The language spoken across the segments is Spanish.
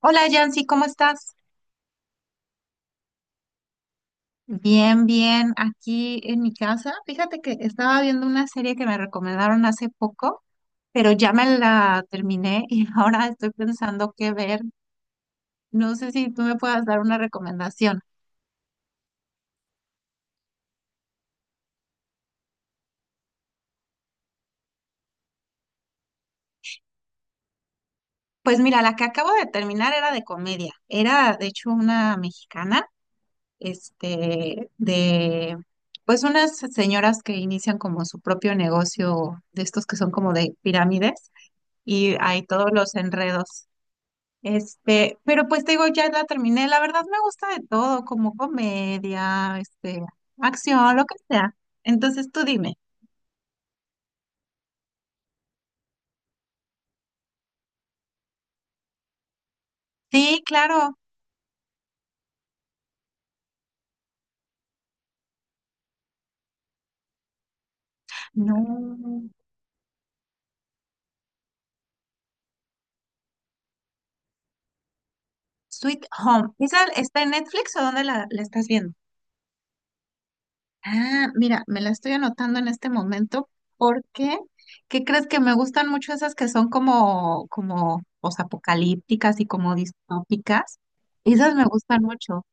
Hola Yancy, ¿cómo estás? Bien, bien, aquí en mi casa. Fíjate que estaba viendo una serie que me recomendaron hace poco, pero ya me la terminé y ahora estoy pensando qué ver. No sé si tú me puedas dar una recomendación. Pues mira, la que acabo de terminar era de comedia. Era de hecho una mexicana, este, de pues unas señoras que inician como su propio negocio de estos que son como de pirámides y hay todos los enredos. Este, pero pues te digo, ya la terminé. La verdad me gusta de todo, como comedia, este, acción, lo que sea. Entonces tú dime. Sí, claro. No. Sweet Home. ¿Esa está en Netflix o dónde la estás viendo? Ah, mira, me la estoy anotando en este momento porque, ¿qué crees que me gustan mucho esas que son como, como, posapocalípticas y como distópicas? Esas me gustan mucho.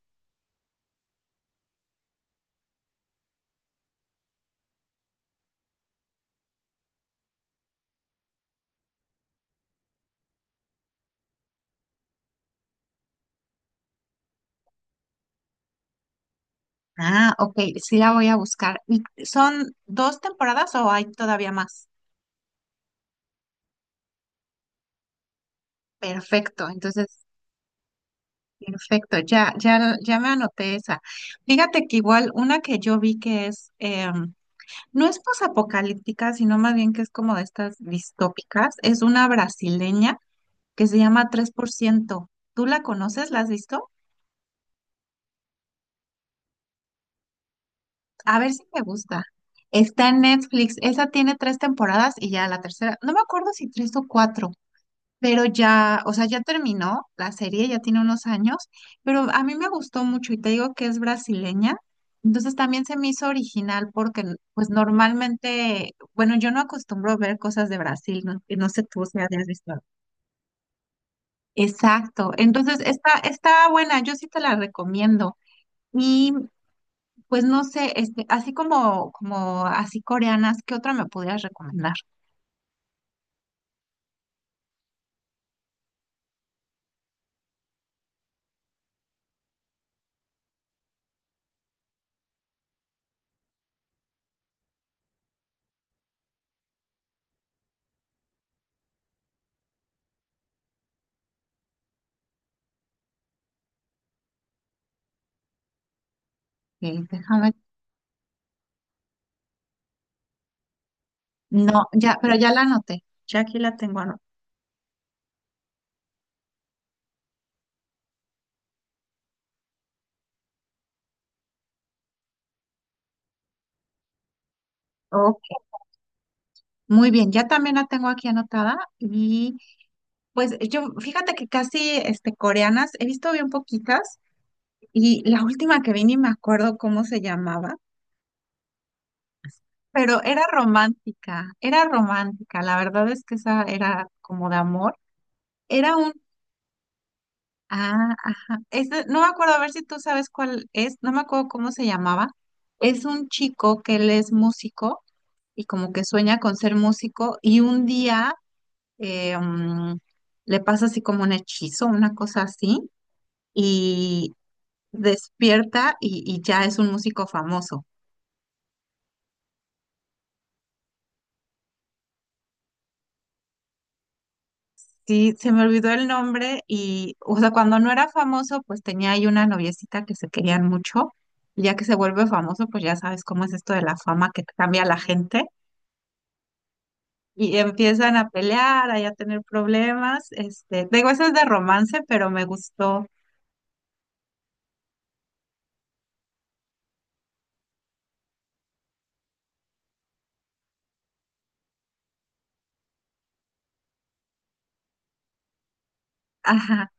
Ah, ok, sí la voy a buscar. ¿Y son dos temporadas o hay todavía más? Perfecto, entonces, perfecto, ya, ya, ya me anoté esa. Fíjate que igual una que yo vi que es, no es posapocalíptica, sino más bien que es como de estas distópicas, es una brasileña que se llama Tres por ciento. ¿Tú la conoces? ¿La has visto? A ver si me gusta. Está en Netflix, esa tiene tres temporadas y ya la tercera, no me acuerdo si tres o cuatro pero ya, o sea, ya terminó la serie, ya tiene unos años, pero a mí me gustó mucho y te digo que es brasileña, entonces también se me hizo original porque pues normalmente, bueno, yo no acostumbro ver cosas de Brasil, no, y no sé tú si la has visto. Exacto, entonces está, está buena, yo sí te la recomiendo. Y pues no sé, este, así como, como así coreanas, ¿qué otra me podrías recomendar? Eh, déjame, no, ya, pero ya la anoté, ya aquí la tengo anotada. Muy bien, ya también la tengo aquí anotada y pues yo, fíjate que casi este, coreanas, he visto bien poquitas y la última que vi ni me acuerdo cómo se llamaba, pero era romántica, la verdad es que esa era como de amor, era un, ah, ajá, no me acuerdo, a ver si tú sabes cuál es, no me acuerdo cómo se llamaba, es un chico que él es músico y como que sueña con ser músico y un día eh, mm, le pasa así como un hechizo, una cosa así, y despierta y ya es un músico famoso. Sí, se me olvidó el nombre y, o sea, cuando no era famoso, pues tenía ahí una noviecita que se querían mucho, y ya que se vuelve famoso, pues ya sabes cómo es esto de la fama que cambia a la gente. Y empiezan a pelear, ahí a tener problemas. Este, digo, eso es de romance, pero me gustó. Ajá.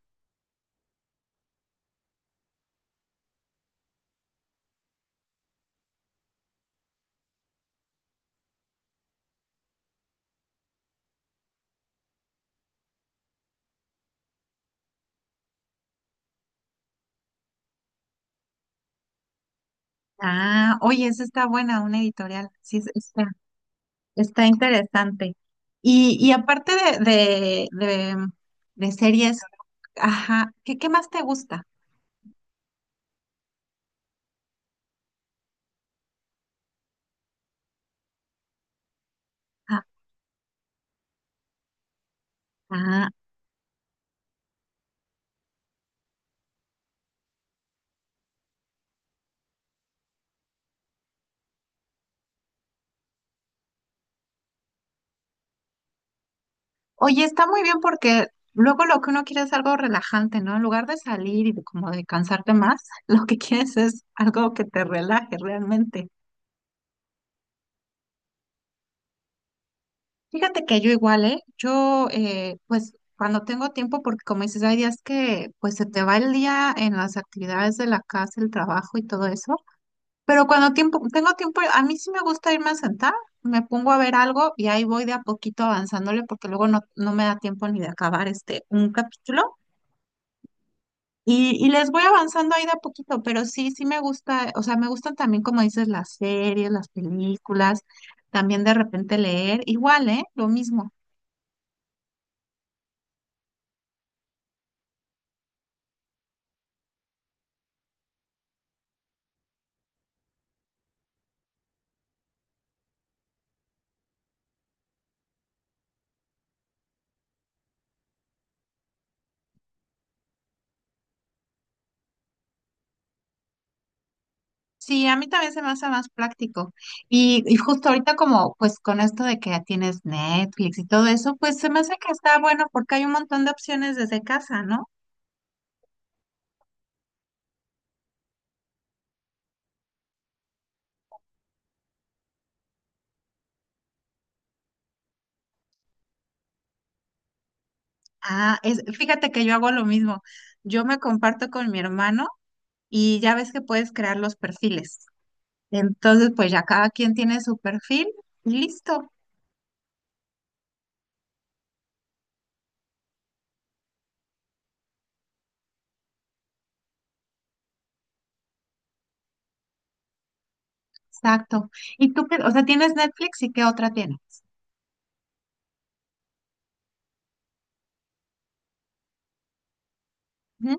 Ah, oye, esa está buena, una editorial. Sí, está interesante. Y aparte de, de, de, de series, ajá, ¿qué más te gusta? Ah, ah, oye, está muy bien porque luego lo que uno quiere es algo relajante, ¿no? En lugar de salir como de cansarte más, lo que quieres es algo que te relaje realmente. Fíjate que yo igual, ¿eh? Yo, pues, cuando tengo tiempo, porque como dices, hay días que, pues, se te va el día en las actividades de la casa, el trabajo y todo eso. Pero cuando tengo tiempo, a mí sí me gusta irme a sentar, me pongo a ver algo y ahí voy de a poquito avanzándole porque luego no me da tiempo ni de acabar este un capítulo. Y les voy avanzando ahí de a poquito, pero sí, sí me gusta, o sea, me gustan también, como dices, las series, las películas, también de repente leer, igual, ¿eh? Lo mismo. Sí, a mí también se me hace más práctico. Y justo ahorita como pues con esto de que ya tienes Netflix y todo eso, pues se me hace que está bueno porque hay un montón de opciones desde casa, ¿no? Ah, es, fíjate que yo hago lo mismo. Yo me comparto con mi hermano y ya ves que puedes crear los perfiles. Entonces, pues ya cada quien tiene su perfil y listo. Exacto. ¿Y tú qué? O sea, ¿tienes Netflix y qué otra tienes? Ujú.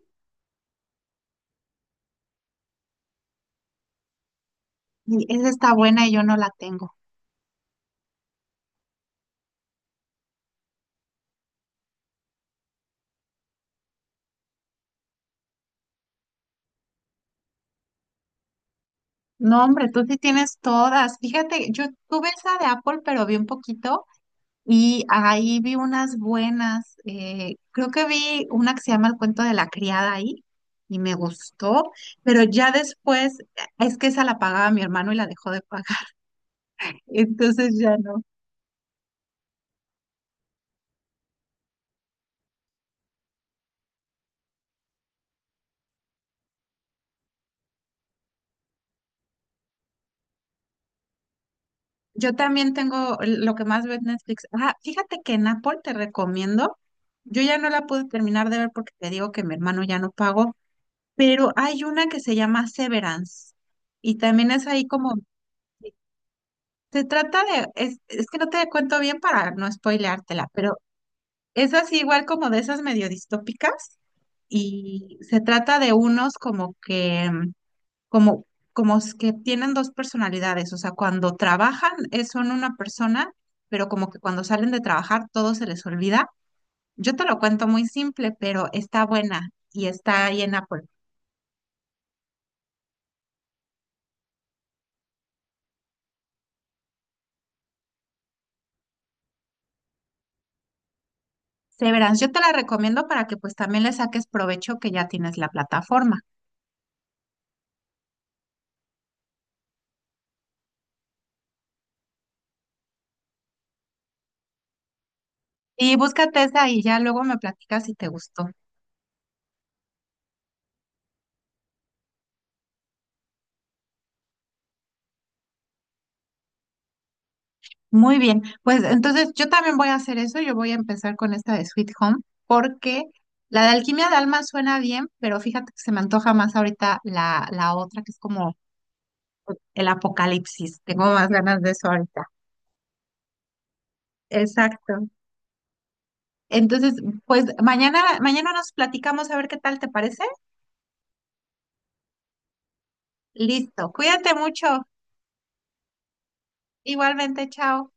Y esa está buena y yo no la tengo. No, hombre, tú sí tienes todas. Fíjate, yo tuve esa de Apple, pero vi un poquito. Y ahí vi unas buenas, creo que vi una que se llama El cuento de la criada ahí y me gustó, pero ya después es que esa la pagaba mi hermano y la dejó de pagar, entonces ya no. Yo también tengo lo que más ve en Netflix. Ah, fíjate que en Apple te recomiendo, yo ya no la pude terminar de ver porque te digo que mi hermano ya no pagó, pero hay una que se llama Severance y también es ahí como... Se trata de, es que no te cuento bien para no spoileártela, pero es así igual como de esas medio distópicas y se trata de unos como que, como, como que tienen dos personalidades, o sea, cuando trabajan son una persona, pero como que cuando salen de trabajar todo se les olvida. Yo te lo cuento muy simple, pero está buena y está ahí en Apple. Severance, yo te la recomiendo para que pues también le saques provecho que ya tienes la plataforma. Y búscate esa y ya luego me platicas si te gustó. Muy bien, pues entonces yo también voy a hacer eso, yo voy a empezar con esta de Sweet Home, porque la de Alquimia de Alma suena bien, pero fíjate que se me antoja más ahorita la otra, que es como el apocalipsis, tengo más ganas de eso ahorita. Exacto. Entonces, pues mañana, mañana nos platicamos a ver qué tal te parece. Listo, cuídate mucho, igualmente, chao.